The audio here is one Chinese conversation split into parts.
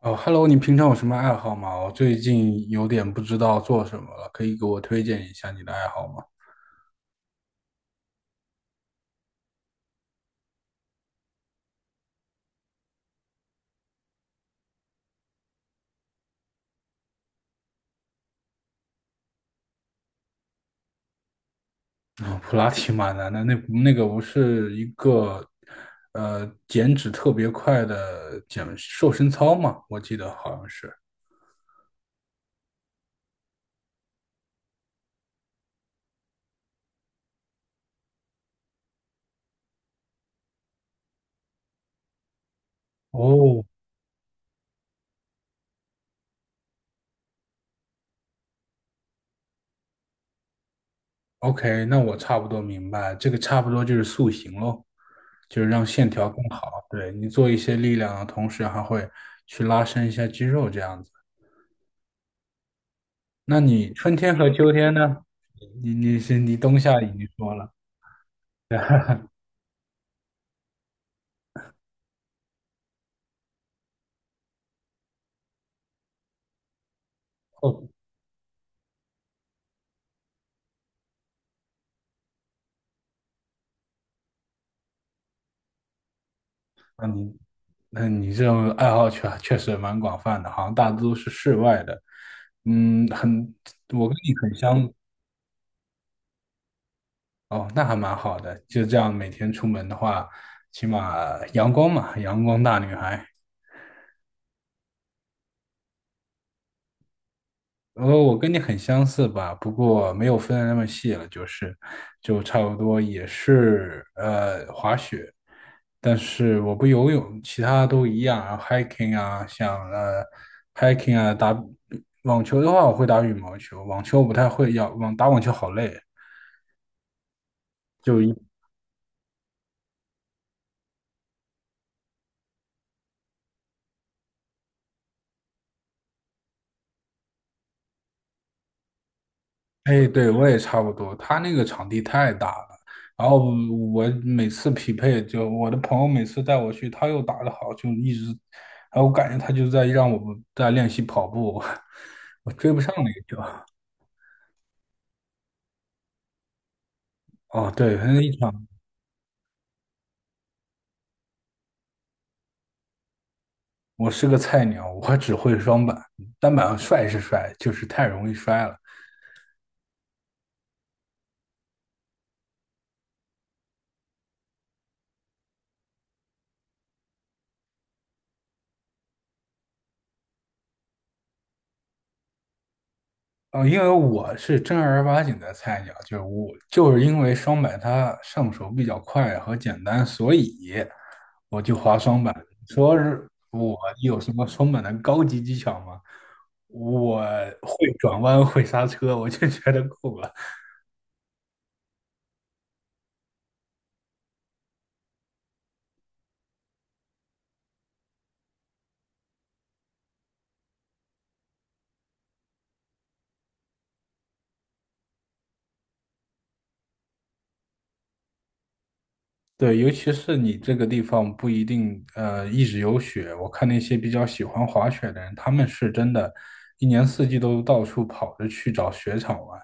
哦，Hello，你平常有什么爱好吗？我最近有点不知道做什么了，可以给我推荐一下你的爱好吗？啊、普拉提蛮难的，那不是一个减脂特别快的瘦身操吗？我记得好像是。哦，OK，那我差不多明白，这个差不多就是塑形喽，就是让线条更好。对，你做一些力量的同时，还会去拉伸一下肌肉，这样子。那你春天和秋天呢？你冬夏已经说了，哦，那你那你这种爱好确实蛮广泛的，好像大多都是室外的。很，我跟你很相，哦，那还蛮好的。就这样每天出门的话，起码阳光嘛，阳光大女孩。我跟你很相似吧，不过没有分的那么细了，就是，就差不多也是滑雪，但是我不游泳，其他都一样，然后 hiking 啊，像hiking 啊，网球的话我会打羽毛球，网球我不太会，要打网球好累，哎，对，我也差不多。他那个场地太大了，然后我每次匹配，就我的朋友每次带我去，他又打得好，就一直，然后我感觉他就在让我在练习跑步，我追不上那个球。哦，对，那一场我是个菜鸟，我只会双板，单板帅是帅，就是太容易摔了。因为我是正儿八经的菜鸟，就是我就是因为双板它上手比较快和简单，所以我就滑双板。说是我有什么双板的高级技巧吗？我会转弯，会刹车，我就觉得够了。对，尤其是你这个地方不一定一直有雪，我看那些比较喜欢滑雪的人，他们是真的，一年四季都到处跑着去找雪场玩，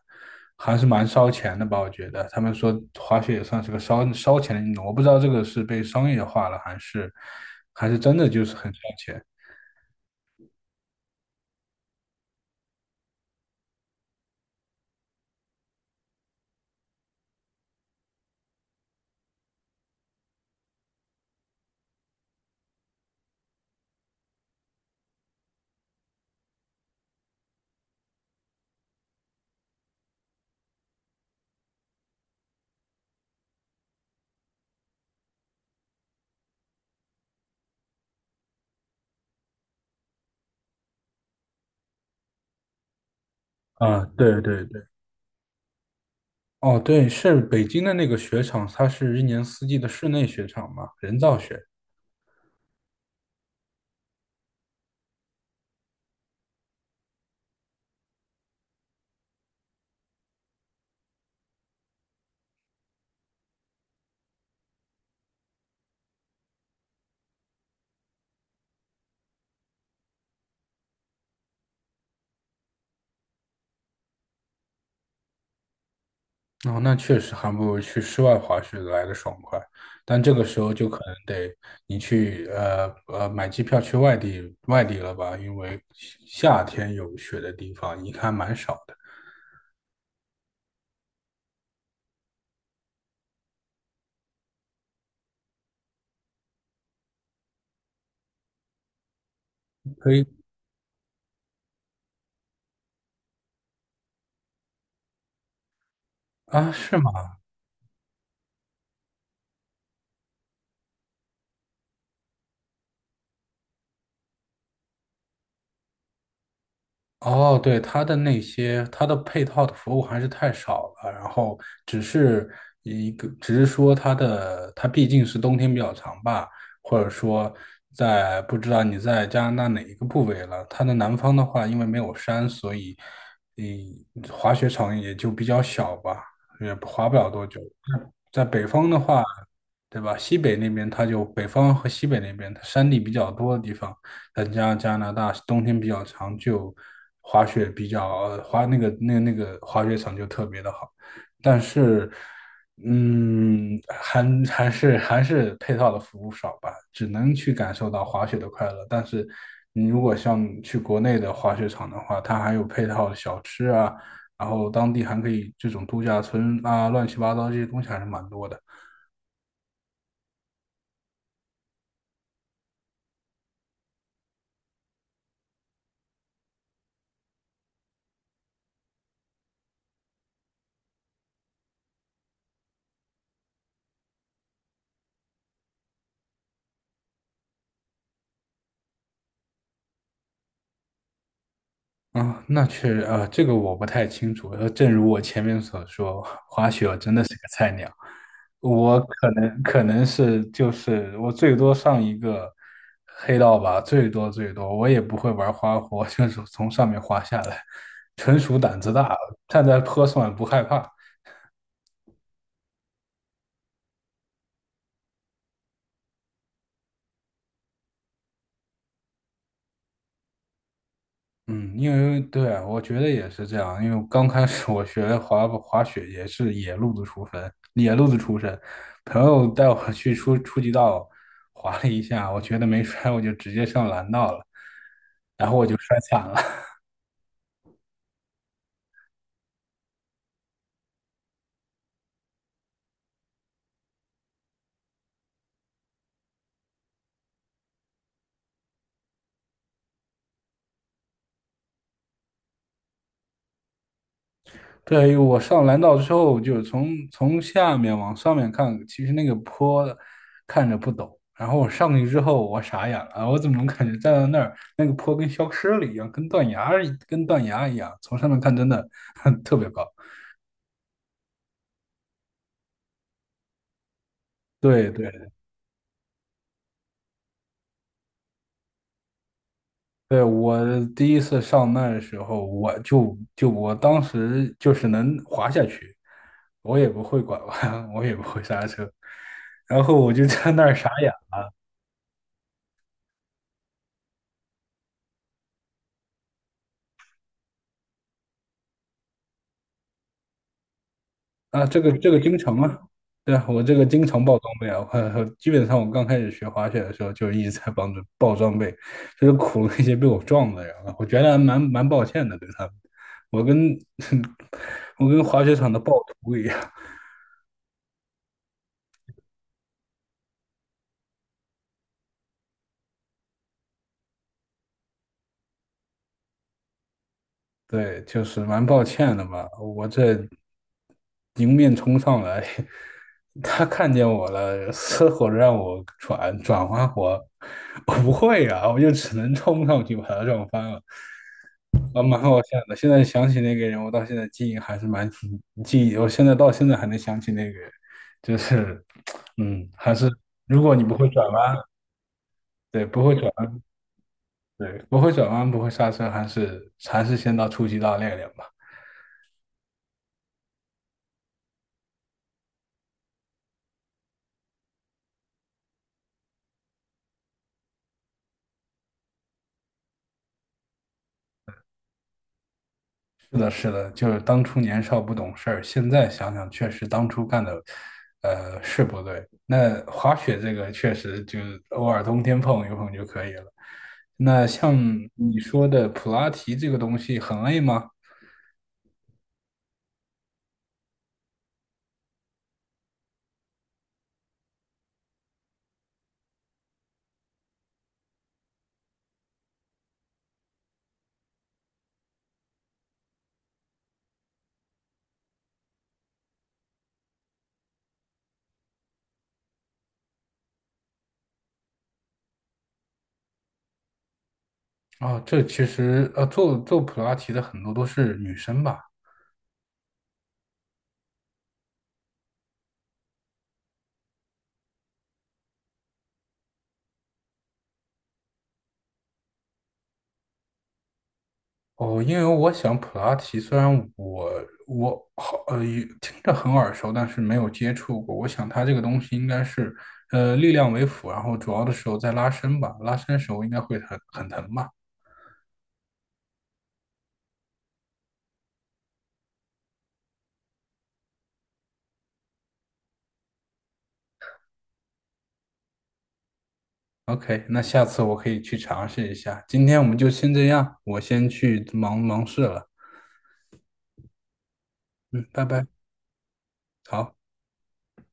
还是蛮烧钱的吧？我觉得他们说滑雪也算是个烧钱的运动，我不知道这个是被商业化了，还是真的就是很烧钱。啊，对对对，哦，对，是北京的那个雪场，它是一年四季的室内雪场嘛，人造雪。哦，那确实还不如去室外滑雪来的爽快，但这个时候就可能得你去买机票去外地了吧，因为夏天有雪的地方应看蛮少的。可以啊，是吗？哦，对，它的配套的服务还是太少了，然后只是只是说它毕竟是冬天比较长吧，或者说不知道你在加拿大哪一个部位了，它的南方的话，因为没有山，所以嗯，滑雪场也就比较小吧，也滑不了多久。在北方的话，对吧？西北那边它就北方和西北那边，它山地比较多的地方，再加加拿大冬天比较长，就滑雪比较呃滑那个那个那个滑雪场就特别的好。但是，嗯，还还是配套的服务少吧，只能去感受到滑雪的快乐。但是，你如果像去国内的滑雪场的话，它还有配套的小吃啊。然后当地还可以这种度假村啊，乱七八糟这些东西还是蛮多的。啊，那确实，这个我不太清楚。正如我前面所说，滑雪我真的是个菜鸟。我可能是就是我最多上一个黑道吧，最多最多，我也不会玩花活，就是从上面滑下来，纯属胆子大，站在坡上也不害怕。嗯，因为对，我觉得也是这样。因为刚开始我学滑雪也是野路子出身，野路子出身。朋友带我去初级道滑了一下，我觉得没摔，我就直接上蓝道了，然后我就摔惨了。对，我上蓝道之后，就是从下面往上面看，其实那个坡看着不陡。然后我上去之后，我傻眼了，我怎么能感觉站在那儿，那个坡跟消失了一样，跟断崖一样，从上面看真的 特别高。对对对，我第一次上那儿的时候，我当时就是能滑下去，我也不会拐弯，我也不会刹车，然后我就在那儿傻眼。啊，这个经常啊，对啊，我这个经常爆装备啊，我基本上我刚开始学滑雪的时候就一直在帮着爆装备，就是苦那些被我撞的人啊，我觉得还蛮抱歉的对他们，我跟 我跟滑雪场的暴徒一样，对，就是蛮抱歉的嘛，我这迎面冲上来，他看见我了，嘶吼着让我转转滑活，我不会啊，我就只能冲上去把他撞翻了。啊，蛮好笑的。现在想起那个人，我到现在记忆还是蛮记忆，我现在到现在还能想起那个人，就是还是如果你不会转弯，对，不会转弯，对，不会转弯，不会刹车，还是先到初级道练练吧。是的，是的，就是当初年少不懂事儿，现在想想确实当初干的，是不对。那滑雪这个确实就是偶尔冬天碰一碰就可以了。那像你说的普拉提这个东西很累吗？啊，这其实做做普拉提的很多都是女生吧？哦，因为我想普拉提虽然我好也听着很耳熟，但是没有接触过。我想它这个东西应该是力量为辅，然后主要的时候在拉伸吧，拉伸时候应该会很疼吧？OK，那下次我可以去尝试一下。今天我们就先这样，我先去忙忙事了。嗯，拜拜，好。